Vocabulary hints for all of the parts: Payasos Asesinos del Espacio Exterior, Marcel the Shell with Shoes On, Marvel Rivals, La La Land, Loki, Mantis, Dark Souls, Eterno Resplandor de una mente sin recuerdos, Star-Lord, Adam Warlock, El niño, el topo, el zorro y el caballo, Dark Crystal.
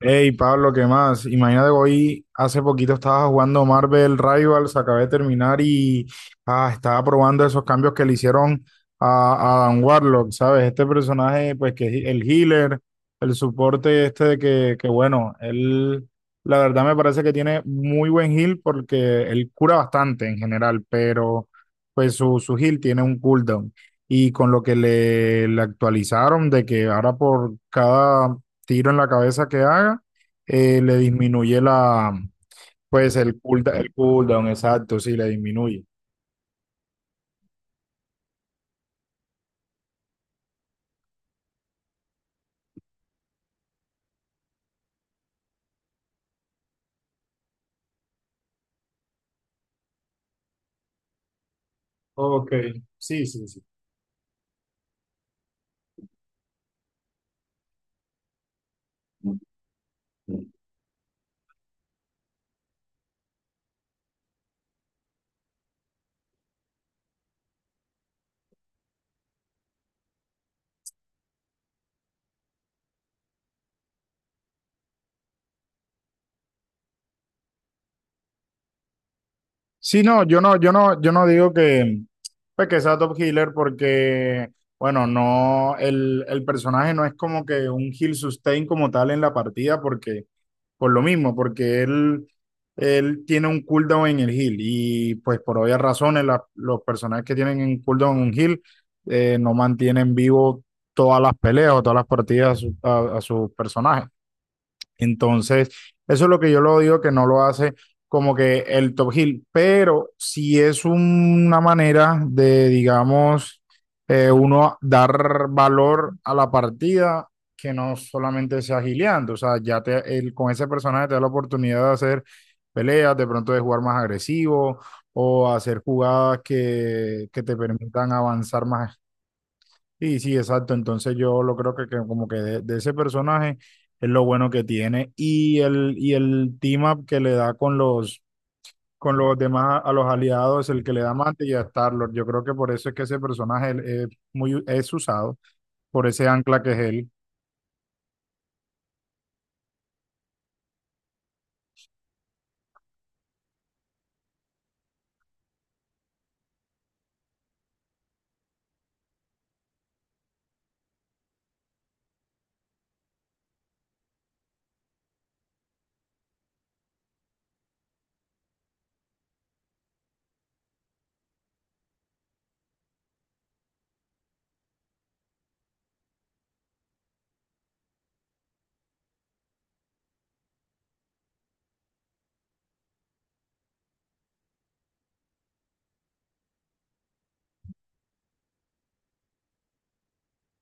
Hey Pablo, ¿qué más? Imagínate que hoy hace poquito estaba jugando Marvel Rivals, acabé de terminar y estaba probando esos cambios que le hicieron a, a Adam Warlock, ¿sabes? Este personaje, pues que es el healer, el soporte este de que bueno, él la verdad me parece que tiene muy buen heal porque él cura bastante en general, pero pues su heal tiene un cooldown. Y con lo que le actualizaron de que ahora por cada tiro en la cabeza que haga, le disminuye la, pues el cooldown, exacto, sí, le disminuye. Ok. Sí, sí, sí. Sí, no, yo no digo que, pues, que sea top healer porque, bueno, no, el personaje no es como que un heal sustain como tal en la partida porque, por lo mismo, porque él tiene un cooldown en el heal y pues por obvias razones la- los personajes que tienen un cooldown en un heal no mantienen vivo todas las peleas o todas las partidas a, su- a sus personajes. Entonces, eso es lo que yo lo digo que no lo hace como que el top heel, pero si es una manera de, digamos, uno dar valor a la partida que no solamente sea gileando, o sea, ya te, el- con ese personaje te da la oportunidad de hacer peleas, de pronto de jugar más agresivo o hacer jugadas que te permitan avanzar más. Sí, sí, exacto. Entonces yo lo creo que como que de ese personaje es lo bueno que tiene y y el team up que le da con los demás, a los aliados, el que le da mate y a Star-Lord. Yo creo que por eso es que ese personaje es muy, es usado, por ese ancla que es él.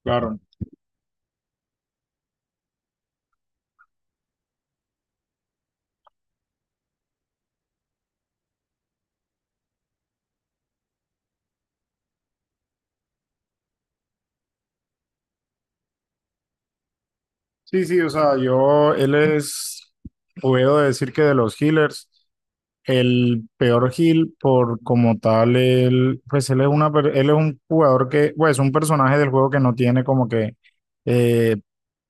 Claro. Sí, sí, o sea, yo, él es, puedo decir que de los healers. El peor Gil, por como tal, él, pues él es una, per- él es un jugador que, pues, un personaje del juego que no tiene como que, eh,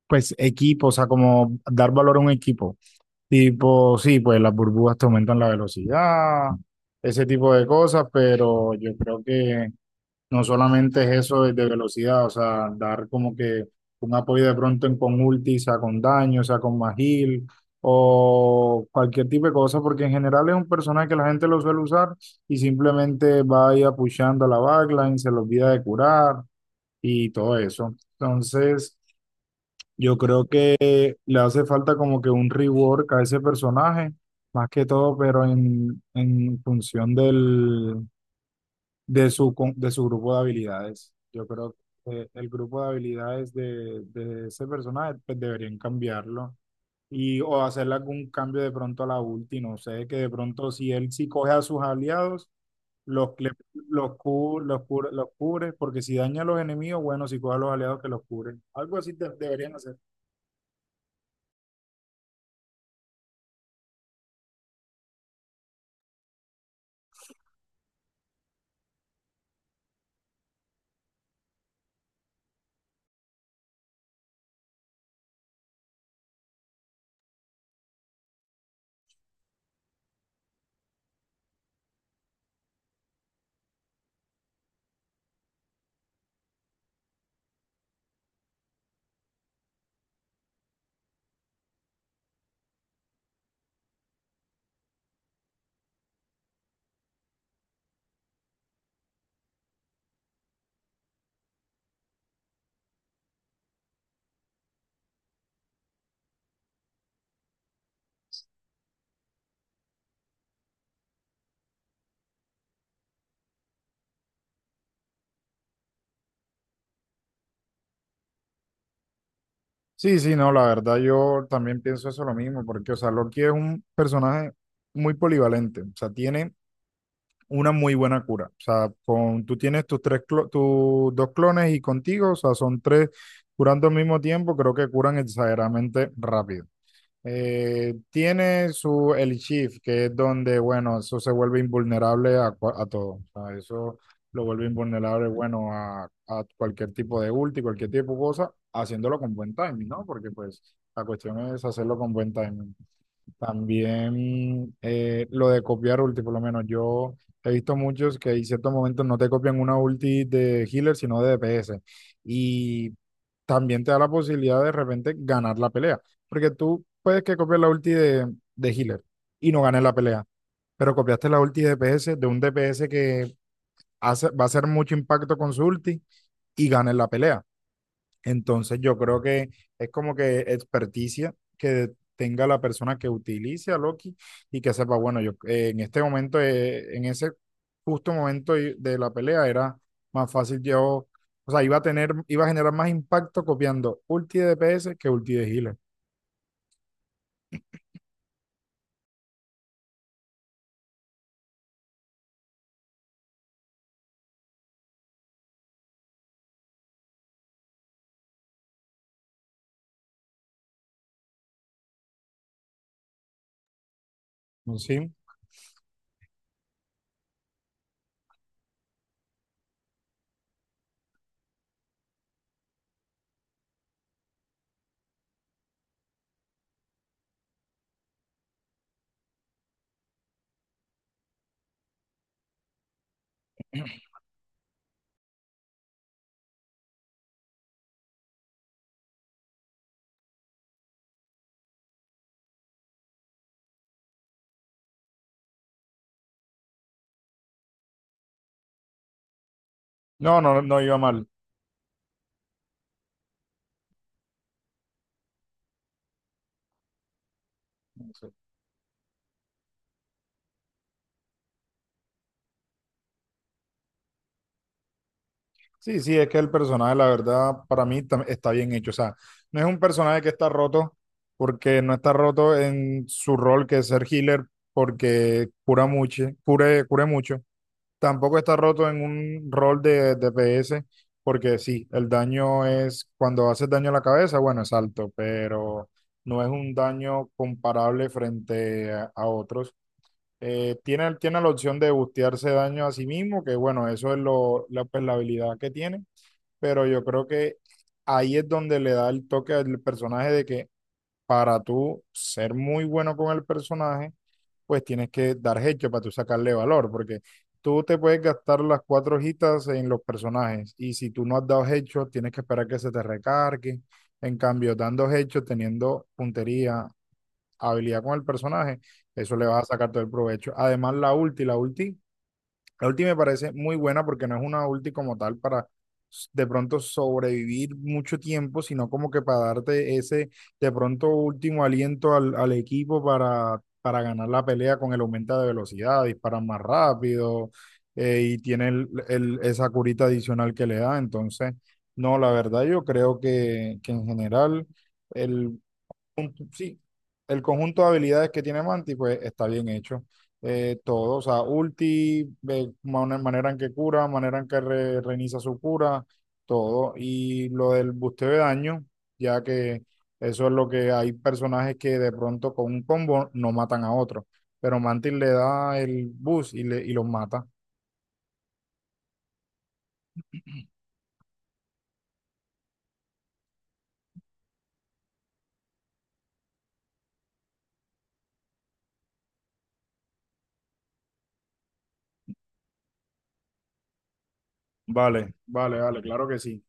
pues, equipo, o sea, como dar valor a un equipo. Tipo, sí, pues las burbujas te aumentan la velocidad, ese tipo de cosas, pero yo creo que no solamente es eso de velocidad, o sea, dar como que un apoyo de pronto en con ulti, o sea, con daño, o sea, con magil o cualquier tipo de cosa, porque en general es un personaje que la gente lo suele usar y simplemente va ahí apuchando a la backline, se le olvida de curar y todo eso. Entonces, yo creo que le hace falta como que un rework a ese personaje, más que todo, pero en función del de su, con- de su grupo de habilidades. Yo creo que el grupo de habilidades de ese personaje pues deberían cambiarlo y o hacerle algún cambio de pronto a la ulti, no sé, que de pronto si él sí coge a sus aliados, los, cle- los, cu- los cubre, porque si daña a los enemigos, bueno, si coge a los aliados que los cubren. Algo así de- deberían hacer. Sí, sí, no, la verdad yo también pienso eso lo mismo, porque, o sea, Loki es un personaje muy polivalente, o sea, tiene una muy buena cura. O sea, con, tú tienes tus, tres clo- tus dos clones y contigo, o sea, son tres curando al mismo tiempo, creo que curan exageradamente rápido. Tiene su el shift, que es donde, bueno, eso se vuelve invulnerable a, cua- a todo. O sea, eso lo vuelve invulnerable, bueno, a cualquier tipo de ulti, cualquier tipo de cosa, haciéndolo con buen timing, ¿no? Porque pues la cuestión es hacerlo con buen timing. También lo de copiar ulti, por lo menos yo he visto muchos que en ciertos momentos no te copian una ulti de healer, sino de DPS. Y también te da la posibilidad de repente ganar la pelea, porque tú puedes que copies la ulti de healer y no ganes la pelea, pero copiaste la ulti de DPS de un DPS que hace, va a hacer mucho impacto con su ulti y ganes la pelea. Entonces yo creo que es como que experticia que tenga la persona que utilice a Loki y que sepa, bueno, yo en este momento, en ese justo momento y- de la pelea era más fácil yo, o sea, iba a tener, iba a generar más impacto copiando ulti de DPS que ulti de healer. ¿No? ¿Sí? No, no, no iba mal. Sí, sí, es que el personaje, la verdad, para mí tam- está bien hecho. O sea, no es un personaje que está roto, porque no está roto en su rol que es ser healer, porque cura mucho, cure, cure mucho. Tampoco está roto en un rol de DPS, porque sí, el daño es cuando haces daño a la cabeza, bueno, es alto, pero no es un daño comparable frente a otros. Tiene, tiene la opción de bustearse daño a sí mismo, que bueno, eso es lo, la, pues, la habilidad que tiene, pero yo creo que ahí es donde le da el toque al personaje de que para tú ser muy bueno con el personaje, pues tienes que dar hecho para tú sacarle valor, porque tú te puedes gastar las cuatro hojitas en los personajes y si tú no has dado hecho, tienes que esperar que se te recargue. En cambio, dando hechos, teniendo puntería, habilidad con el personaje, eso le vas a sacar todo el provecho. Además, la ulti la ulti me parece muy buena porque no es una ulti como tal para de pronto sobrevivir mucho tiempo, sino como que para darte ese de pronto último aliento al, al equipo para ganar la pelea con el aumento de velocidad, disparan más rápido, y tiene el- esa curita adicional que le da. Entonces, no, la verdad yo creo que en general el sí, el conjunto de habilidades que tiene Manti, pues está bien hecho. Todo, o sea, ulti, man- manera en que cura, manera en que re- reinicia su cura, todo. Y lo del busteo de daño, ya que eso es lo que hay personajes que de pronto con un combo no matan a otro, pero Mantis le da el boost y, le, y los mata. Vale, vale, vale, claro que sí.